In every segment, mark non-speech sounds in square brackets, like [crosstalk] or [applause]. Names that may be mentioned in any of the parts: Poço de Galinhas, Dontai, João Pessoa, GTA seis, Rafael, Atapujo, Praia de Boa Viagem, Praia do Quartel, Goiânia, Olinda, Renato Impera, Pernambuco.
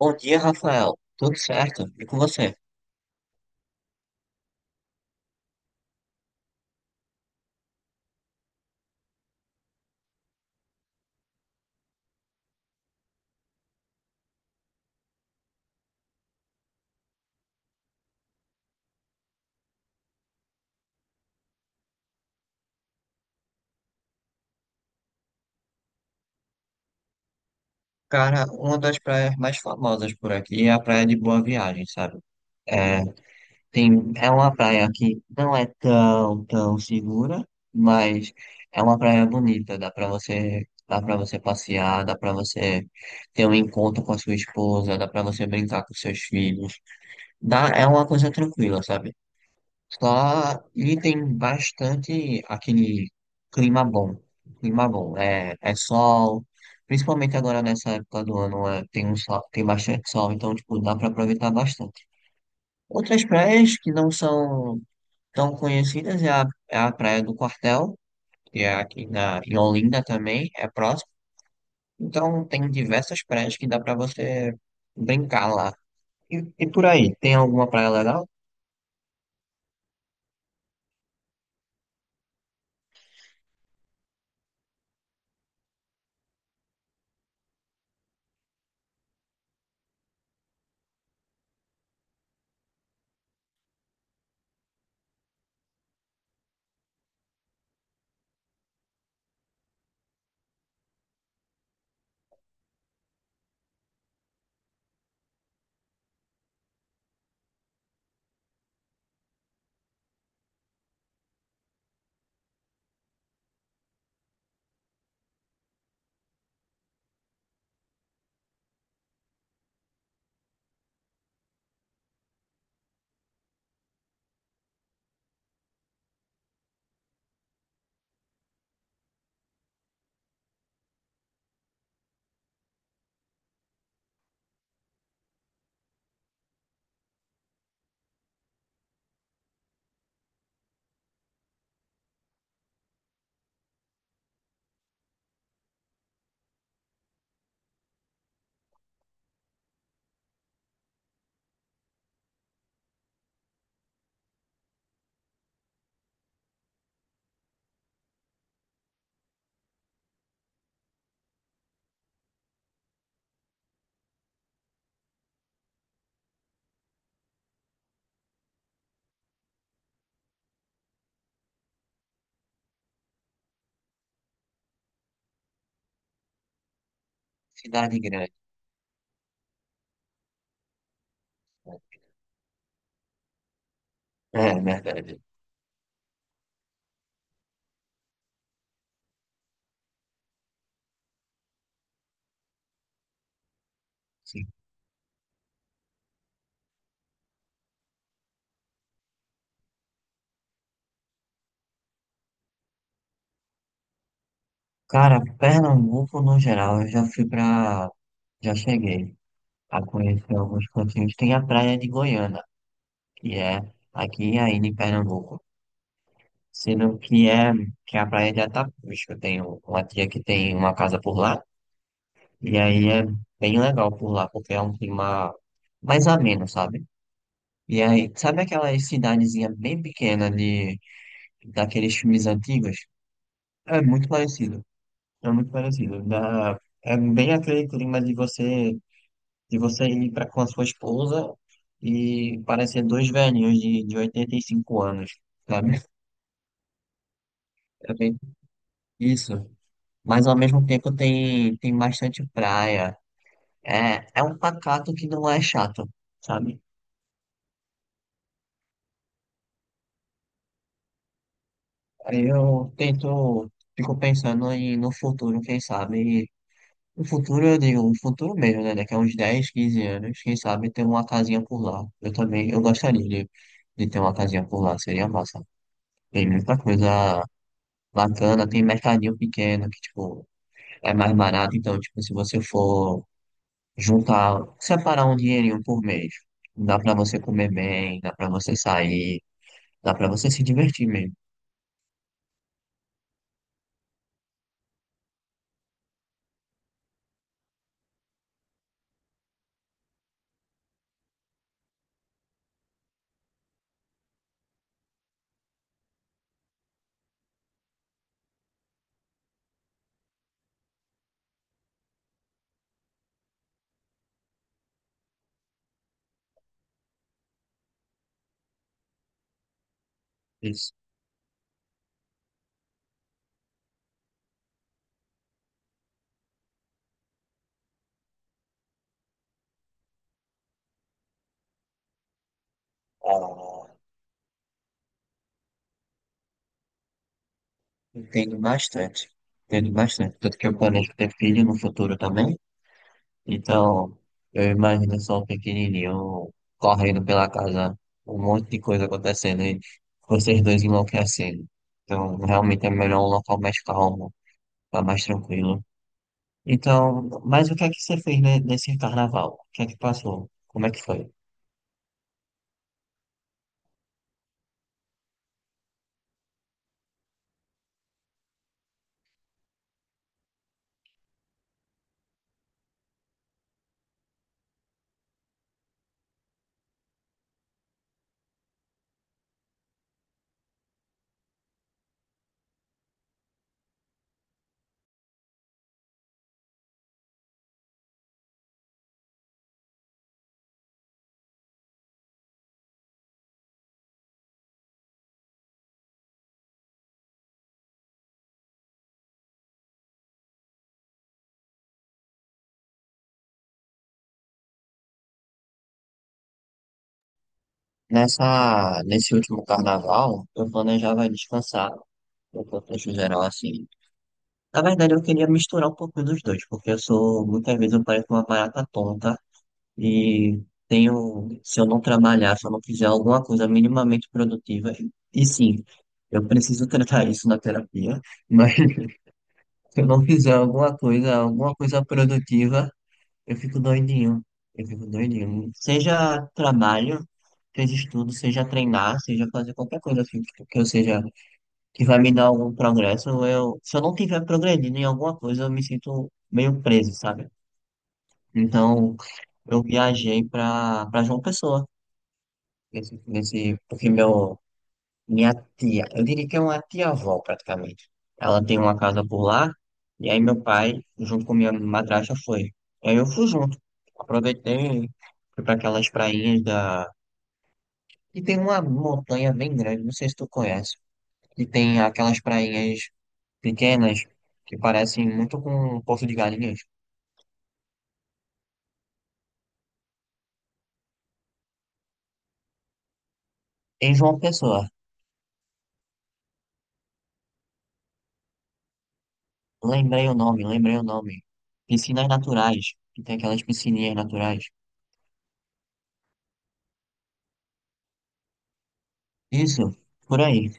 Bom dia, Rafael. Tudo certo? E com você? Cara, uma das praias mais famosas por aqui é a Praia de Boa Viagem, sabe? É, tem, é uma praia que não é tão segura, mas é uma praia bonita. Dá para você passear, dá pra você ter um encontro com a sua esposa, dá pra você brincar com seus filhos. Dá, é uma coisa tranquila, sabe? Só ele tem bastante aquele clima bom. Clima bom. É sol. Principalmente agora nessa época do ano, é, tem um sol, tem bastante sol, então tipo, dá para aproveitar bastante. Outras praias que não são tão conhecidas é a Praia do Quartel, que é em Olinda também, é próximo. Então tem diversas praias que dá para você brincar lá. E, e por aí, tem alguma praia legal? Cidade Grande. É, verdade. Cara, Pernambuco no geral, eu já fui pra. Já cheguei a conhecer alguns cantinhos. Tem a praia de Goiânia, que é aqui ainda em Pernambuco, sendo que é a praia de Atapujo. Eu tenho uma tia que tem uma casa por lá, e aí é bem legal por lá, porque é um clima mais ameno, sabe? E aí, sabe aquela cidadezinha bem pequena de, daqueles filmes antigos? É muito parecido, é muito parecido. Da, é bem aquele clima de você. Se você ir pra, com a sua esposa e parecer dois velhinhos de 85 anos, sabe? É bem isso. Mas ao mesmo tempo tem, tem bastante praia. É, é um pacato que não é chato, sabe? Aí eu tento, fico pensando em, no futuro, quem sabe. No futuro, eu digo, no futuro mesmo, né? Daqui a uns 10, 15 anos, quem sabe ter uma casinha por lá. Eu também, eu gostaria de ter uma casinha por lá, seria massa. Tem muita coisa bacana, tem mercadinho pequeno que, tipo, é mais barato. Então, tipo, se você for juntar, separar um dinheirinho por mês, dá pra você comer bem, dá pra você sair, dá pra você se divertir mesmo. Isso. Ah, entendo bastante. Entendo bastante. Tanto que eu planejo ter filho no futuro também. Então, eu imagino só o pequenininho correndo pela casa, um monte de coisa acontecendo e vocês dois enlouquecendo. Então, realmente é melhor um local mais calmo, tá mais tranquilo. Então, mas o que é que você fez nesse carnaval? O que é que passou? Como é que foi? Nesse último carnaval, eu planejava descansar, no contexto geral, assim. Na verdade, eu queria misturar um pouquinho dos dois, porque eu sou, muitas vezes eu pareço uma barata tonta e tenho, se eu não trabalhar, se eu não fizer alguma coisa minimamente produtiva, e sim, eu preciso tratar isso na terapia, mas [laughs] se eu não fizer alguma coisa produtiva, eu fico doidinho. Eu fico doidinho. Seja trabalho, seja estudo, seja treinar, seja fazer qualquer coisa assim, que eu seja, que vai me dar algum progresso, eu, se eu não tiver progredindo em alguma coisa, eu me sinto meio preso, sabe? Então, eu viajei pra João Pessoa, porque meu, minha tia, eu diria que é uma tia-avó praticamente. Ela tem uma casa por lá, e aí meu pai, junto com minha madrasta, foi. E aí eu fui junto. Aproveitei, fui para aquelas prainhas da. E tem uma montanha bem grande, não sei se tu conhece. E tem aquelas prainhas pequenas que parecem muito com um Poço de Galinhas. Em João Pessoa, lembrei o nome, lembrei o nome. Piscinas naturais, que tem aquelas piscininhas naturais. Isso, por aí.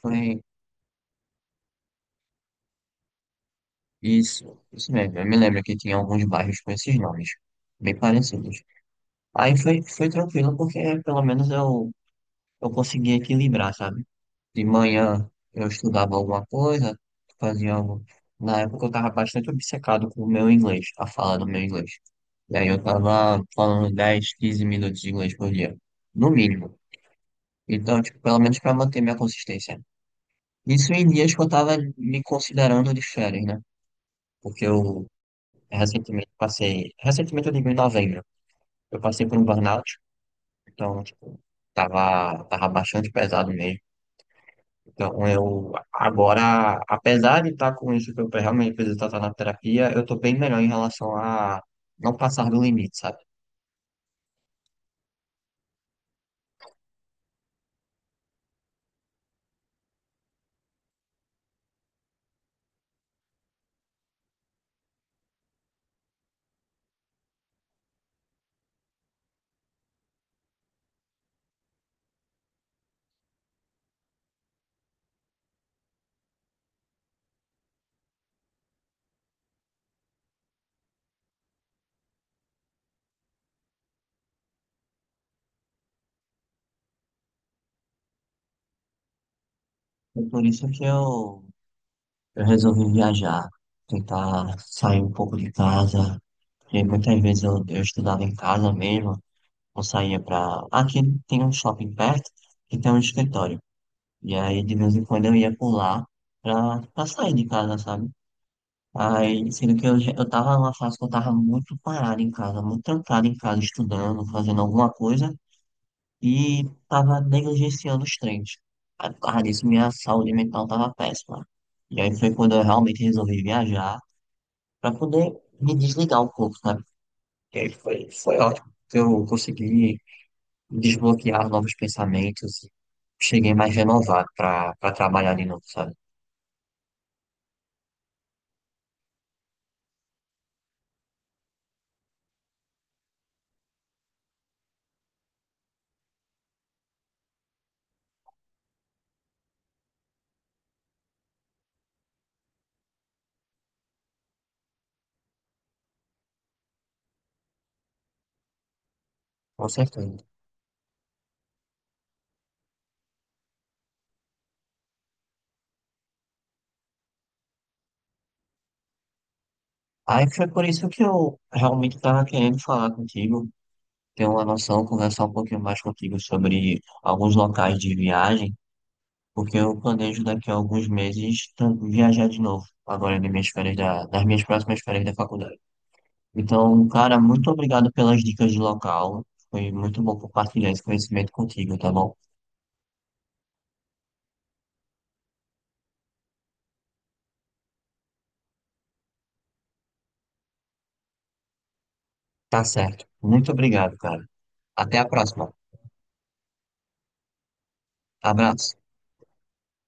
Foi isso, isso mesmo. Eu me lembro que tinha alguns bairros com esses nomes, bem parecidos. Aí foi, foi tranquilo, porque pelo menos eu conseguia equilibrar, sabe? De manhã eu estudava alguma coisa, fazia algo. Na época eu tava bastante obcecado com o meu inglês, a fala do meu inglês. E aí eu tava falando 10, 15 minutos de inglês por dia, no mínimo. Então, tipo, pelo menos para manter minha consistência. Isso em dias que eu tava me considerando de férias, né? Porque eu recentemente passei, recentemente eu digo em novembro, eu passei por um burnout, então, tipo, tava bastante pesado mesmo. Então, eu agora, apesar de estar com isso que eu realmente preciso tratar na terapia, eu tô bem melhor em relação a não passar do limite, sabe? E por isso que eu resolvi viajar, tentar sair um pouco de casa, porque muitas vezes eu estudava em casa mesmo, ou saía pra Aqui tem um shopping perto que tem um escritório. E aí, de vez em quando, eu ia pular pra sair de casa, sabe? Aí, sendo que eu, eu tava numa fase que eu tava muito parado em casa, muito trancado em casa, estudando, fazendo alguma coisa, e tava negligenciando os treinos. Aí, por causa disso, minha saúde mental tava péssima. E aí foi quando eu realmente resolvi viajar, pra poder me desligar um pouco, sabe? E aí foi, foi ótimo, que eu consegui desbloquear novos pensamentos, cheguei mais renovado pra trabalhar de novo, sabe? Com certeza. Aí foi por isso que eu realmente estava querendo falar contigo, ter uma noção, conversar um pouquinho mais contigo sobre alguns locais de viagem, porque eu planejo daqui a alguns meses viajar de novo, agora nas minhas nas minhas próximas férias da faculdade. Então, cara, muito obrigado pelas dicas de local. Foi muito bom compartilhar esse conhecimento contigo, tá bom? Tá certo. Muito obrigado, cara. Até a próxima. Abraço.